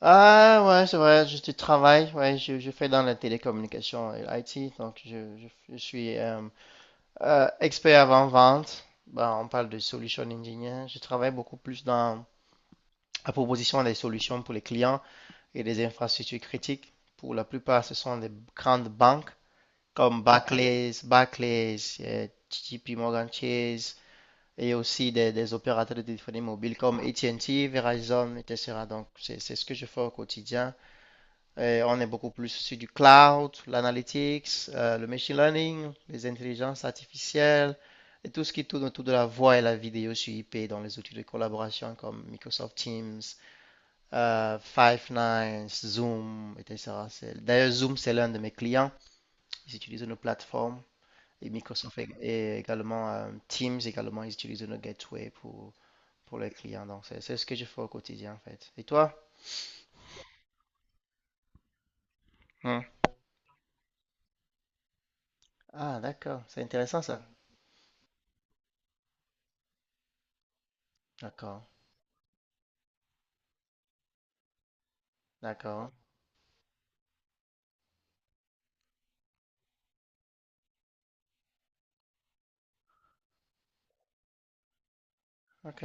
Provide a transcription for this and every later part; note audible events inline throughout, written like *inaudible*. Ah ouais, c'est vrai, je tu travailles, ouais, je fais dans la télécommunication et l'IT. Donc je suis expert avant-vente. Ben, on parle de solution engineer. Je travaille beaucoup plus dans la proposition des solutions pour les clients et des infrastructures critiques. Pour la plupart, ce sont des grandes banques comme Barclays, J P Morgan Chase, et aussi des opérateurs de téléphonie mobile comme AT&T, Verizon, etc. Donc c'est ce que je fais au quotidien. On est beaucoup plus sur du cloud, l'analytics, le machine learning, les intelligences artificielles et tout ce qui tourne autour de la voix et la vidéo sur IP dans les outils de collaboration comme Microsoft Teams, Five9, Zoom, etc. D'ailleurs, Zoom, c'est l'un de mes clients. Ils utilisent nos plateformes et Microsoft, et également Teams également, ils utilisent nos gateways pour les clients. Donc, c'est ce que je fais au quotidien en fait. Et toi? Hmm. Ah, d'accord, c'est intéressant ça. D'accord, d'accord. Ok.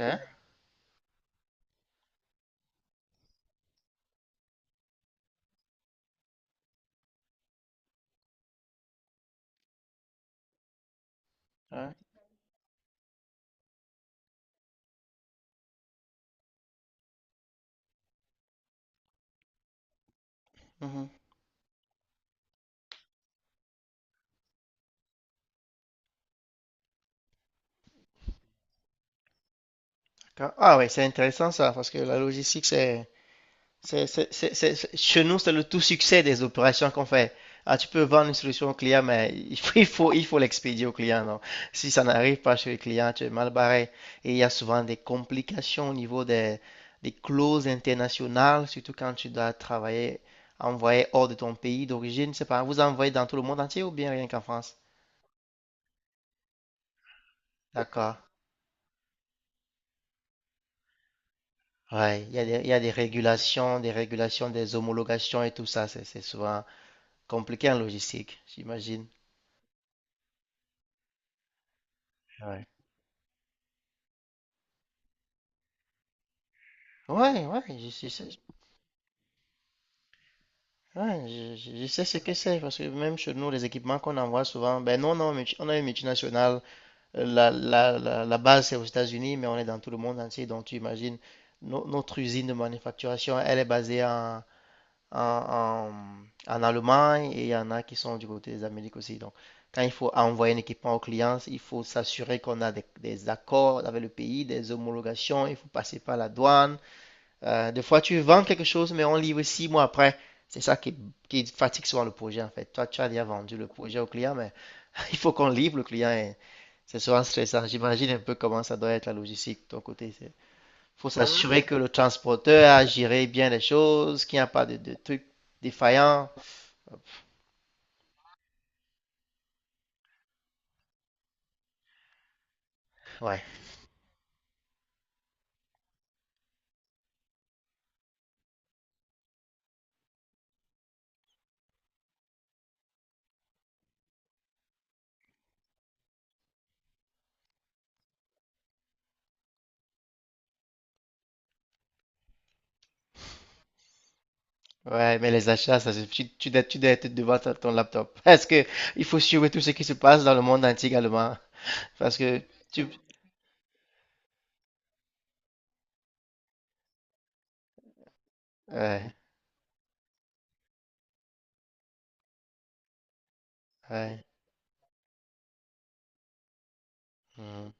Ouais. Mhm. D'accord. Ah oui, c'est intéressant ça, parce que la logistique, c'est, chez nous, c'est le tout succès des opérations qu'on fait. Ah, tu peux vendre une solution au client, mais *laughs* il faut l'expédier au client. Non. Si ça n'arrive pas chez le client, tu es mal barré. Et il y a souvent des complications au niveau des clauses internationales, surtout quand tu dois travailler, envoyer hors de ton pays d'origine. C'est pas, vous envoyez dans tout le monde entier ou bien rien qu'en France? D'accord. Ouais, il y a des régulations, des homologations et tout ça. C'est souvent compliqué en logistique, j'imagine. Ouais, ouais, je sais, ouais, je sais ce que c'est, parce que même chez nous, les équipements qu'on envoie souvent, ben non, non, multi- on a une multinationale. La base, c'est aux États-Unis, mais on est dans tout le monde entier. Donc, tu imagines, notre usine de manufacturation, elle est basée en, en Allemagne, et il y en a qui sont du côté des Amériques aussi. Donc, quand il faut envoyer un équipement aux clients, il faut s'assurer qu'on a des accords avec le pays, des homologations, il faut passer par la douane. Des fois, tu vends quelque chose, mais on livre 6 mois après. C'est ça qui fatigue souvent le projet, en fait. Toi, tu as déjà vendu le projet au client, mais *laughs* il faut qu'on livre le client, et c'est souvent stressant. J'imagine un peu comment ça doit être la logistique de ton côté. C'est Faut s'assurer que le transporteur a géré bien les choses, qu'il n'y a pas de trucs défaillants. Ouais. Ouais, mais les achats, ça, tu dois être devant ton laptop. *laughs* Parce que il faut suivre tout ce qui se passe dans le monde entier également. Parce que tu... Ouais, ouais. Mhm,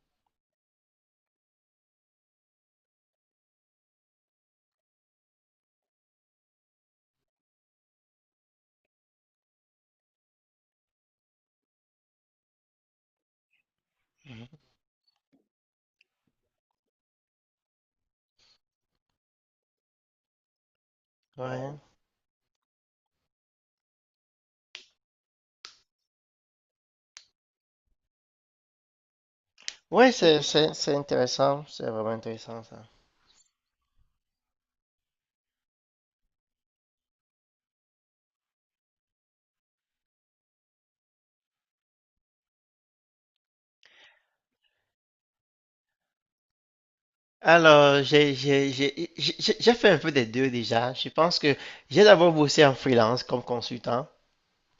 mhm. Ouais, ouais, c'est intéressant. C'est vraiment intéressant, ça. Alors, j'ai fait un peu des deux déjà. Je pense que j'ai d'abord bossé en freelance comme consultant.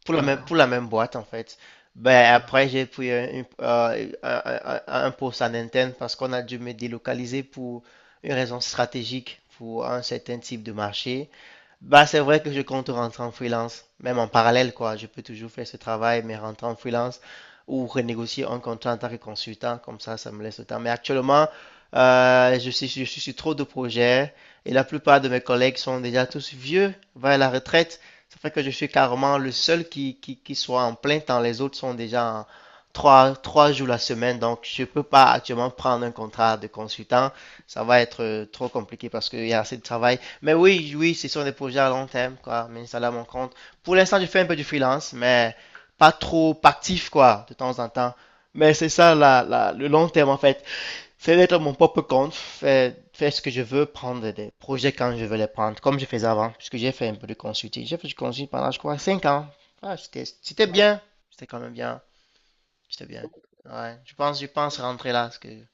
Pour pour la même boîte, en fait. Ben, après, j'ai pris un, une- un poste en Nintendo parce qu'on a dû me délocaliser pour une raison stratégique, pour un certain type de marché. Bah, c'est vrai que je compte rentrer en freelance, même en parallèle, quoi. Je peux toujours faire ce travail, mais rentrer en freelance ou renégocier un contrat en tant que consultant, comme ça me laisse le temps. Mais actuellement, je suis sur trop de projets, et la plupart de mes collègues sont déjà tous vieux, vers la retraite. Ça fait que je suis carrément le seul qui soit en plein temps. Les autres sont déjà en 3 jours la semaine, donc je peux pas actuellement prendre un contrat de consultant. Ça va être trop compliqué parce qu'il y a assez de travail, mais oui, oui, c'est sur des projets à long terme, quoi. Mais ça, là, mon compte. Pour l'instant, je fais un peu du freelance, mais pas trop actif, quoi, de temps en temps. Mais c'est ça, là, là, le long terme, en fait. C'est d'être mon propre compte, faire ce que je veux, prendre des projets quand je veux les prendre, comme je faisais avant, puisque j'ai fait un peu de consulting. J'ai fait du consulting pendant, je crois, 5 ans. Ah, c'était bien. C'était quand même bien. C'était bien. Ouais, je pense rentrer là, parce que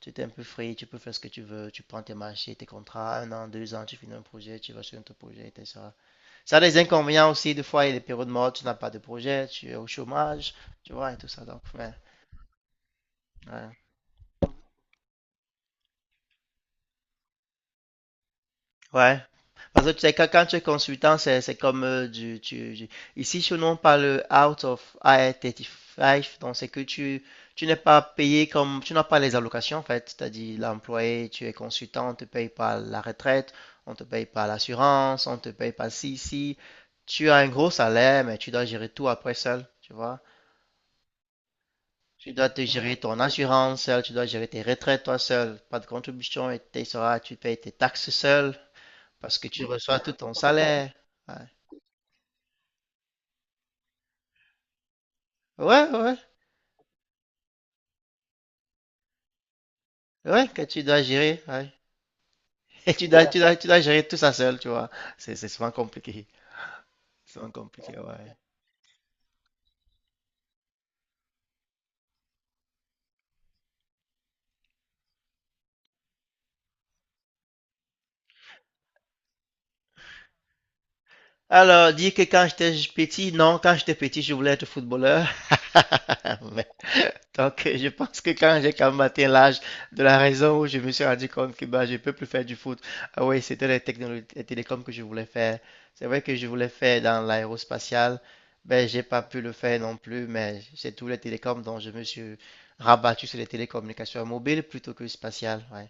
tu t'es un peu free, tu peux faire ce que tu veux, tu prends tes marchés, tes contrats, 1 an, 2 ans, tu finis un projet, tu vas sur un autre projet, etc. Ça a des inconvénients aussi, des fois, il y a des périodes mortes, tu n'as pas de projet, tu es au chômage, tu vois, et tout ça. Donc, ouais, ouais. Ouais. Parce que tu sais, quand tu es consultant, c'est comme ici, chez nous, on parle out of IR35. Donc, c'est que tu n'es pas payé comme... Tu n'as pas les allocations, en fait. C'est-à-dire, l'employé, tu es consultant, on te paye par la retraite, on te paye par l'assurance, on te paye par ci, ci. Tu as un gros salaire, mais tu dois gérer tout après seul, tu vois. Tu dois te gérer ton assurance seul, tu dois gérer tes retraites toi seul. Pas de contribution, et tu payes tes taxes seul parce que tu reçois tout ton salaire. Ouais, ouais, ouais, ouais, que tu dois gérer. Ouais. *laughs* Et tu dois gérer tout ça seul, tu vois. C'est souvent compliqué. C'est souvent compliqué, ouais. Alors, dis que quand j'étais petit, non, quand j'étais petit, je voulais être footballeur. *laughs* Donc, *laughs* je pense que quand j'ai quand même atteint l'âge de la raison où je me suis rendu compte que bah, je peux plus faire du foot, ah oui, c'était les technologies, les télécoms que je voulais faire. C'est vrai que je voulais faire dans l'aérospatial, ben j'ai pas pu le faire non plus, mais c'est tous les télécoms dont je me suis rabattu sur les télécommunications mobiles plutôt que spatiales. Ouais.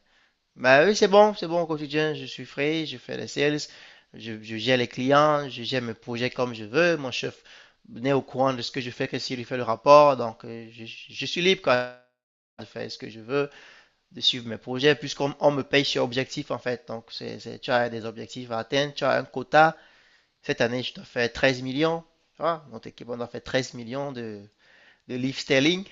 Bah oui, c'est bon au quotidien, je suis frais, je fais les sales, je gère les clients, je gère mes projets comme je veux, mon chef n'est au courant de ce que je fais que s'il lui fait le rapport. Donc je suis libre quoi, de faire ce que je veux, de suivre mes projets, puisqu'on me paye sur objectif en fait. Donc tu as des objectifs à atteindre, tu as un quota, cette année je dois faire 13 millions, tu vois, notre équipe on doit faire 13 millions de life-telling,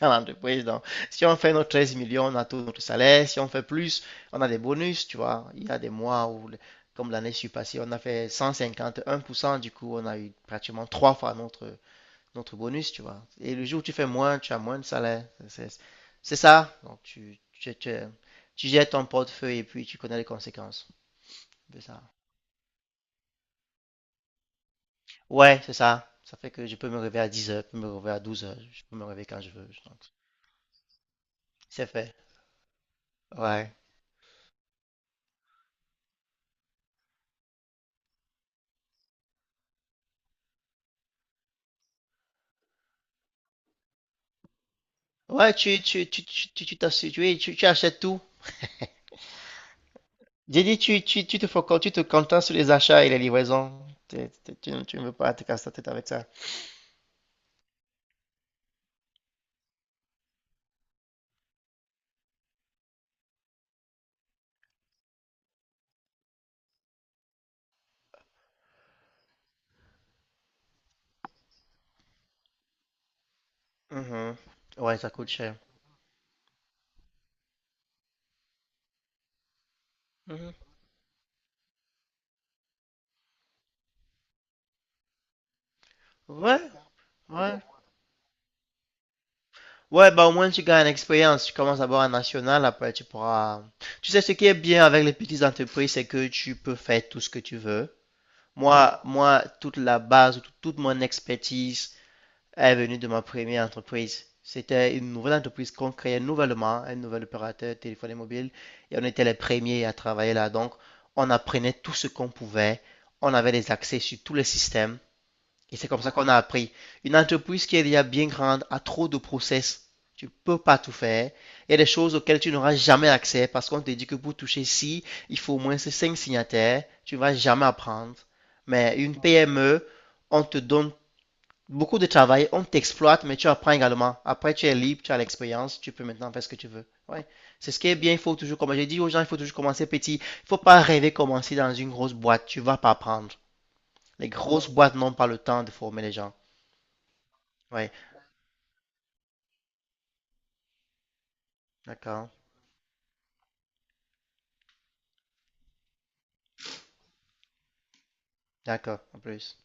dans l'entreprise. *laughs* Donc, si on fait nos 13 millions, on a tout notre salaire. Si on fait plus, on a des bonus, tu vois. Il y a des mois où, comme l'année passée, on a fait 151%. Du coup, on a eu pratiquement trois fois notre bonus, tu vois. Et le jour où tu fais moins, tu as moins de salaire. C'est ça. Donc, tu jettes ton portefeuille et puis tu connais les conséquences de ça. Ouais, c'est ça. Ça fait que je peux me réveiller à 10 heures, je peux me réveiller à 12 heures, je peux me réveiller quand je veux. Donc, c'est fait. Ouais. Ouais, tu t'as su- tu achètes tout. J'ai dit, tu te focuses, tu te contentes sur les achats et les livraisons. Tu ne veux pas te casser la tête avec ça. Mhm. Ouais, ça coûte cher. Mhm. Ouais, ouais. Ouais, bah au moins tu gagnes l'expérience. Tu commences d'abord en national, après tu pourras. Tu sais, ce qui est bien avec les petites entreprises, c'est que tu peux faire tout ce que tu veux. Moi, toute la base, toute mon expertise est venue de ma première entreprise. C'était une nouvelle entreprise qu'on créait nouvellement, un nouvel opérateur téléphonie mobile, et on était les premiers à travailler là. Donc, on apprenait tout ce qu'on pouvait, on avait des accès sur tous les systèmes, et c'est comme ça qu'on a appris. Une entreprise qui est déjà bien grande a trop de process. Tu ne peux pas tout faire. Il y a des choses auxquelles tu n'auras jamais accès parce qu'on te dit que pour toucher ci, il faut au moins ces cinq signataires. Tu ne vas jamais apprendre. Mais une PME, on te donne beaucoup de travail, on t'exploite, mais tu apprends également. Après, tu es libre, tu as l'expérience, tu peux maintenant faire ce que tu veux. Ouais. C'est ce qui est bien, il faut toujours, comme j'ai dit aux gens, il faut toujours commencer petit. Il ne faut pas rêver commencer dans une grosse boîte, tu ne vas pas apprendre. Les grosses boîtes n'ont pas le temps de former les gens. Ouais, d'accord, d'accord, en plus.